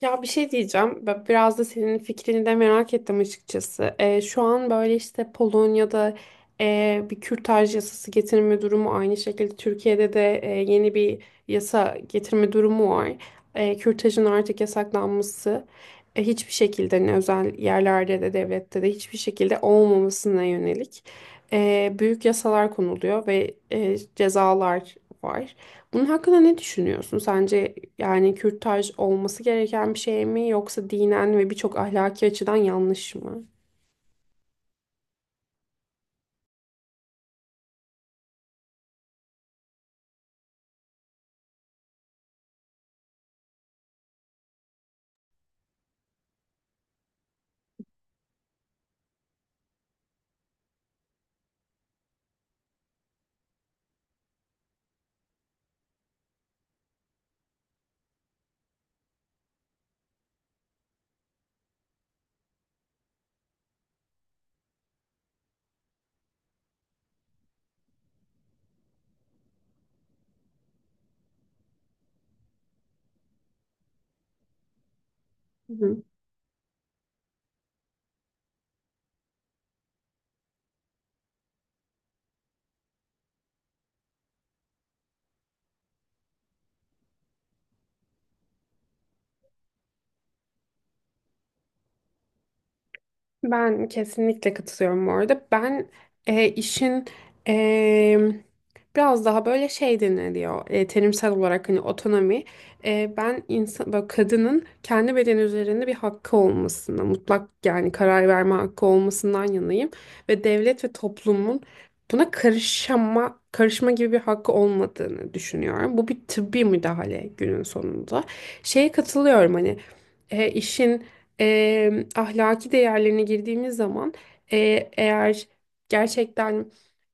Ya bir şey diyeceğim. Ben biraz da senin fikrini de merak ettim açıkçası. Şu an böyle işte Polonya'da bir kürtaj yasası getirme durumu, aynı şekilde Türkiye'de de yeni bir yasa getirme durumu var. Kürtajın artık yasaklanması, hiçbir şekilde ne özel yerlerde de devlette de hiçbir şekilde olmamasına yönelik, büyük yasalar konuluyor ve cezalar var. Bunun hakkında ne düşünüyorsun? Sence yani kürtaj olması gereken bir şey mi yoksa dinen ve birçok ahlaki açıdan yanlış mı? Hı. Ben kesinlikle katılıyorum bu arada. Ben işin e, biraz daha böyle şey deniliyor, terimsel olarak hani otonomi. Ben insan, böyle kadının kendi bedeni üzerinde bir hakkı olmasına, mutlak yani karar verme hakkı olmasından yanayım. Ve devlet ve toplumun buna karışma gibi bir hakkı olmadığını düşünüyorum. Bu bir tıbbi müdahale günün sonunda. Şeye katılıyorum hani, işin ahlaki değerlerine girdiğimiz zaman, eğer gerçekten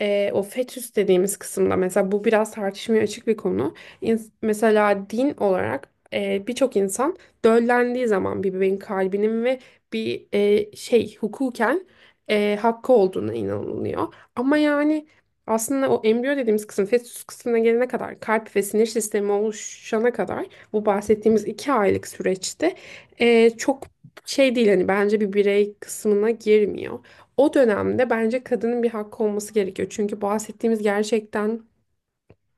o fetüs dediğimiz kısımda mesela, bu biraz tartışmaya açık bir konu. Mesela din olarak, birçok insan döllendiği zaman bir bebeğin kalbinin ve bir şey hukuken hakkı olduğuna inanılıyor. Ama yani aslında o embriyo dediğimiz kısım fetüs kısmına gelene kadar, kalp ve sinir sistemi oluşana kadar, bu bahsettiğimiz 2 aylık süreçte çok şey değil hani, bence bir birey kısmına girmiyor. O dönemde bence kadının bir hakkı olması gerekiyor. Çünkü bahsettiğimiz gerçekten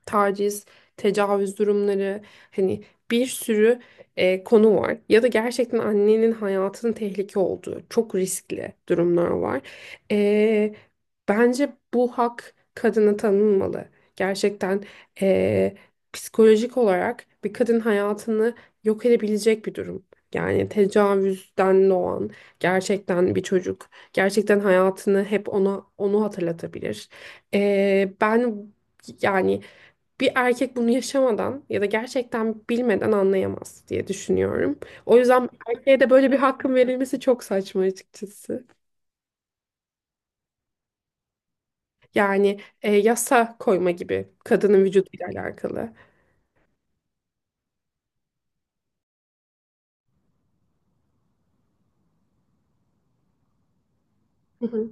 taciz, tecavüz durumları, hani bir sürü konu var. Ya da gerçekten annenin hayatının tehlike olduğu çok riskli durumlar var. E, Bence bu hak kadına tanınmalı. Gerçekten, e, psikolojik olarak bir kadın hayatını yok edebilecek bir durum. Yani tecavüzden doğan gerçekten bir çocuk, gerçekten hayatını hep ona onu hatırlatabilir. Ben yani, bir erkek bunu yaşamadan ya da gerçekten bilmeden anlayamaz diye düşünüyorum. O yüzden erkeğe de böyle bir hakkın verilmesi çok saçma açıkçası. Yani yasa koyma gibi, kadının vücuduyla alakalı. Hı hı.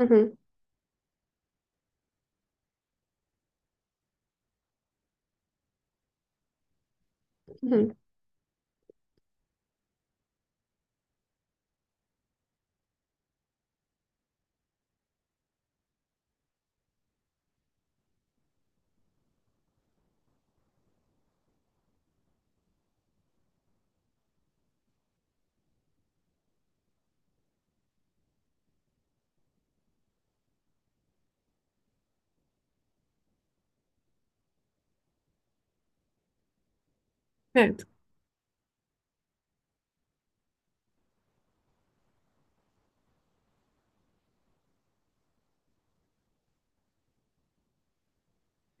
Hı hı. Hı hı. Evet.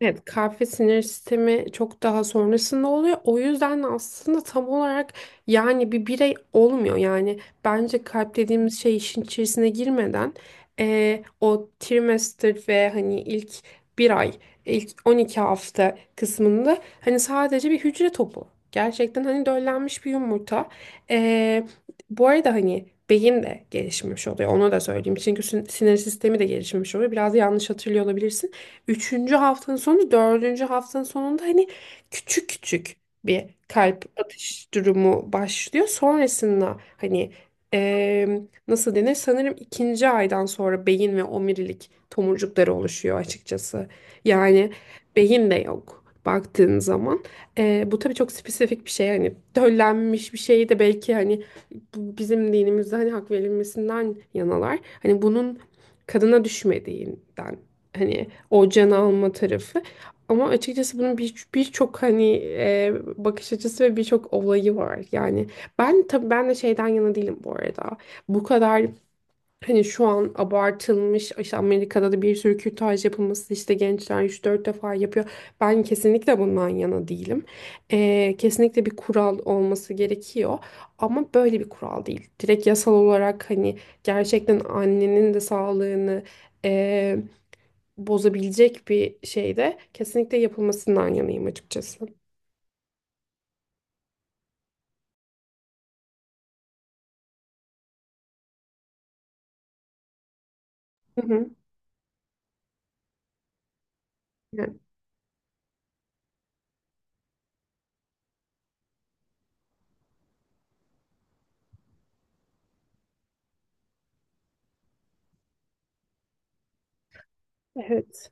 Evet, kalp ve sinir sistemi çok daha sonrasında oluyor. O yüzden aslında tam olarak yani bir birey olmuyor. Yani bence kalp dediğimiz şey işin içerisine girmeden, o trimester ve hani ilk bir ay, ilk 12 hafta kısmında hani sadece bir hücre topu. Gerçekten hani döllenmiş bir yumurta. Eee, Bu arada hani beyin de gelişmiş oluyor. Onu da söyleyeyim. Çünkü sinir sistemi de gelişmiş oluyor. Biraz yanlış hatırlıyor olabilirsin. Üçüncü haftanın sonu, dördüncü haftanın sonunda hani küçük küçük bir kalp atış durumu başlıyor. Sonrasında hani, eee, nasıl denir? Sanırım ikinci aydan sonra beyin ve omurilik tomurcukları oluşuyor açıkçası. Yani beyin de yok baktığın zaman. Bu tabii çok spesifik bir şey. Hani döllenmiş bir şey de belki hani bu bizim dinimizde hani hak verilmesinden yanalar. Hani bunun kadına düşmediğinden, hani o can alma tarafı. Ama açıkçası bunun bir birçok hani bakış açısı ve birçok olayı var. Yani ben tabii ben de şeyden yana değilim bu arada. Bu kadar hani şu an abartılmış, işte Amerika'da da bir sürü kürtaj yapılması, işte gençler 3-4 defa yapıyor. Ben kesinlikle bundan yana değilim. Kesinlikle bir kural olması gerekiyor. Ama böyle bir kural değil. Direkt yasal olarak hani gerçekten annenin de sağlığını bozabilecek bir şey de kesinlikle yapılmasından yanayım açıkçası. Hı hı. Yani. Evet.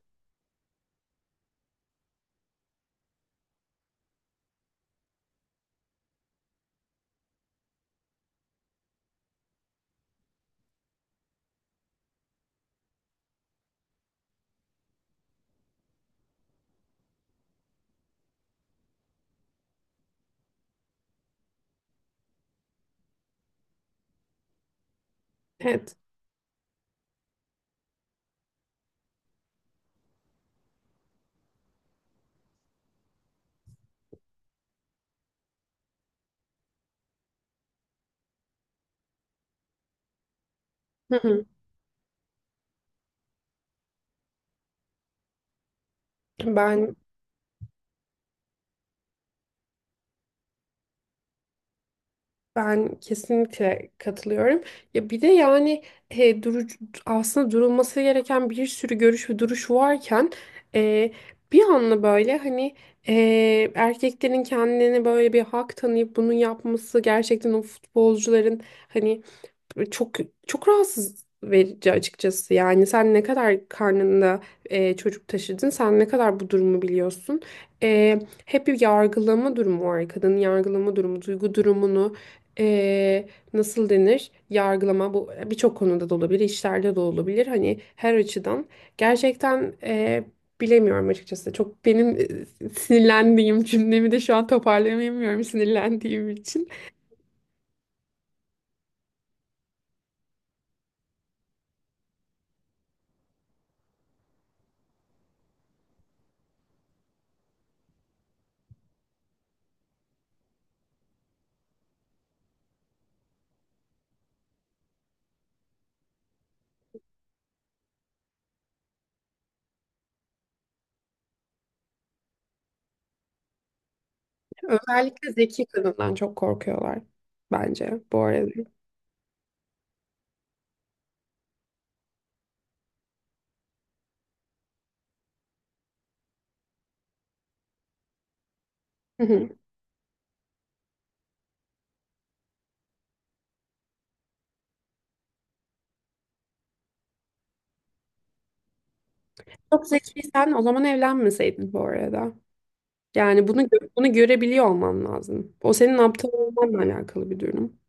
Evet. Hı hı. Ben ben kesinlikle katılıyorum. Ya bir de yani e, duru, aslında durulması gereken bir sürü görüş ve duruş varken, e, bir anla böyle hani, erkeklerin kendine böyle bir hak tanıyıp bunu yapması, gerçekten o futbolcuların hani çok çok rahatsız verici açıkçası. Yani sen ne kadar karnında çocuk taşıdın, sen ne kadar bu durumu biliyorsun. Hep bir yargılama durumu var. Kadının yargılama durumu, duygu durumunu, e, nasıl denir? Yargılama bu birçok konuda da olabilir, işlerde de olabilir. Hani her açıdan gerçekten, bilemiyorum açıkçası. Çok benim sinirlendiğim cümlemi de şu an toparlayamıyorum, sinirlendiğim için. Özellikle zeki kadından çok korkuyorlar bence bu arada. Hı hı. Çok zekiysen o zaman evlenmeseydin bu arada. Yani bunu görebiliyor olman lazım. O senin aptal olmanla alakalı bir durum.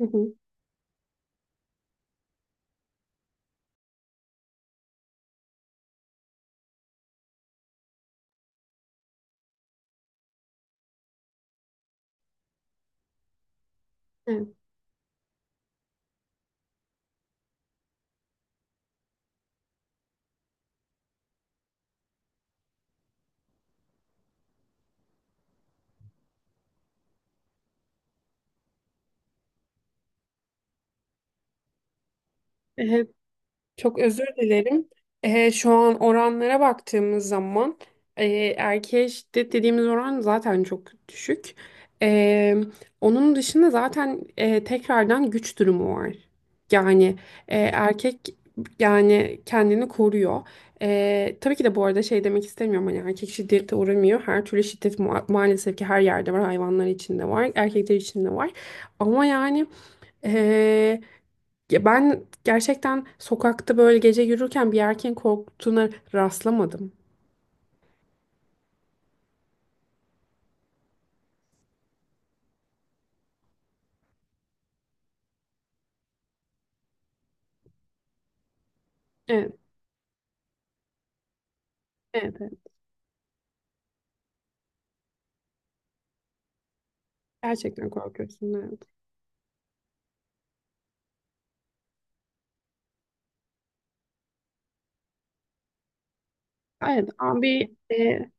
Hı hı. Evet. Çok özür dilerim. Şu an oranlara baktığımız zaman, e, erkeğe şiddet dediğimiz oran zaten çok düşük. Ee, Onun dışında zaten, tekrardan güç durumu var. Yani, erkek yani kendini koruyor. Tabii ki de bu arada şey demek istemiyorum hani erkek şiddete uğramıyor. Her türlü şiddet maalesef ki her yerde var. Hayvanlar içinde var, erkekler içinde var. Ama yani, ya ben gerçekten sokakta böyle gece yürürken bir erkeğin korktuğuna rastlamadım. Evet, evet, evet. Gerçekten korkuyorsun. Evet. Evet, ama bir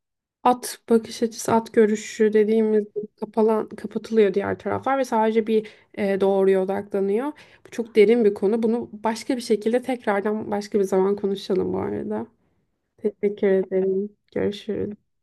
at bakış açısı, at görüşü dediğimiz, kapatılıyor diğer taraflar ve sadece bir doğruya odaklanıyor. Bu çok derin bir konu. Bunu başka bir şekilde, tekrardan başka bir zaman konuşalım bu arada. Teşekkür ederim. Görüşürüz.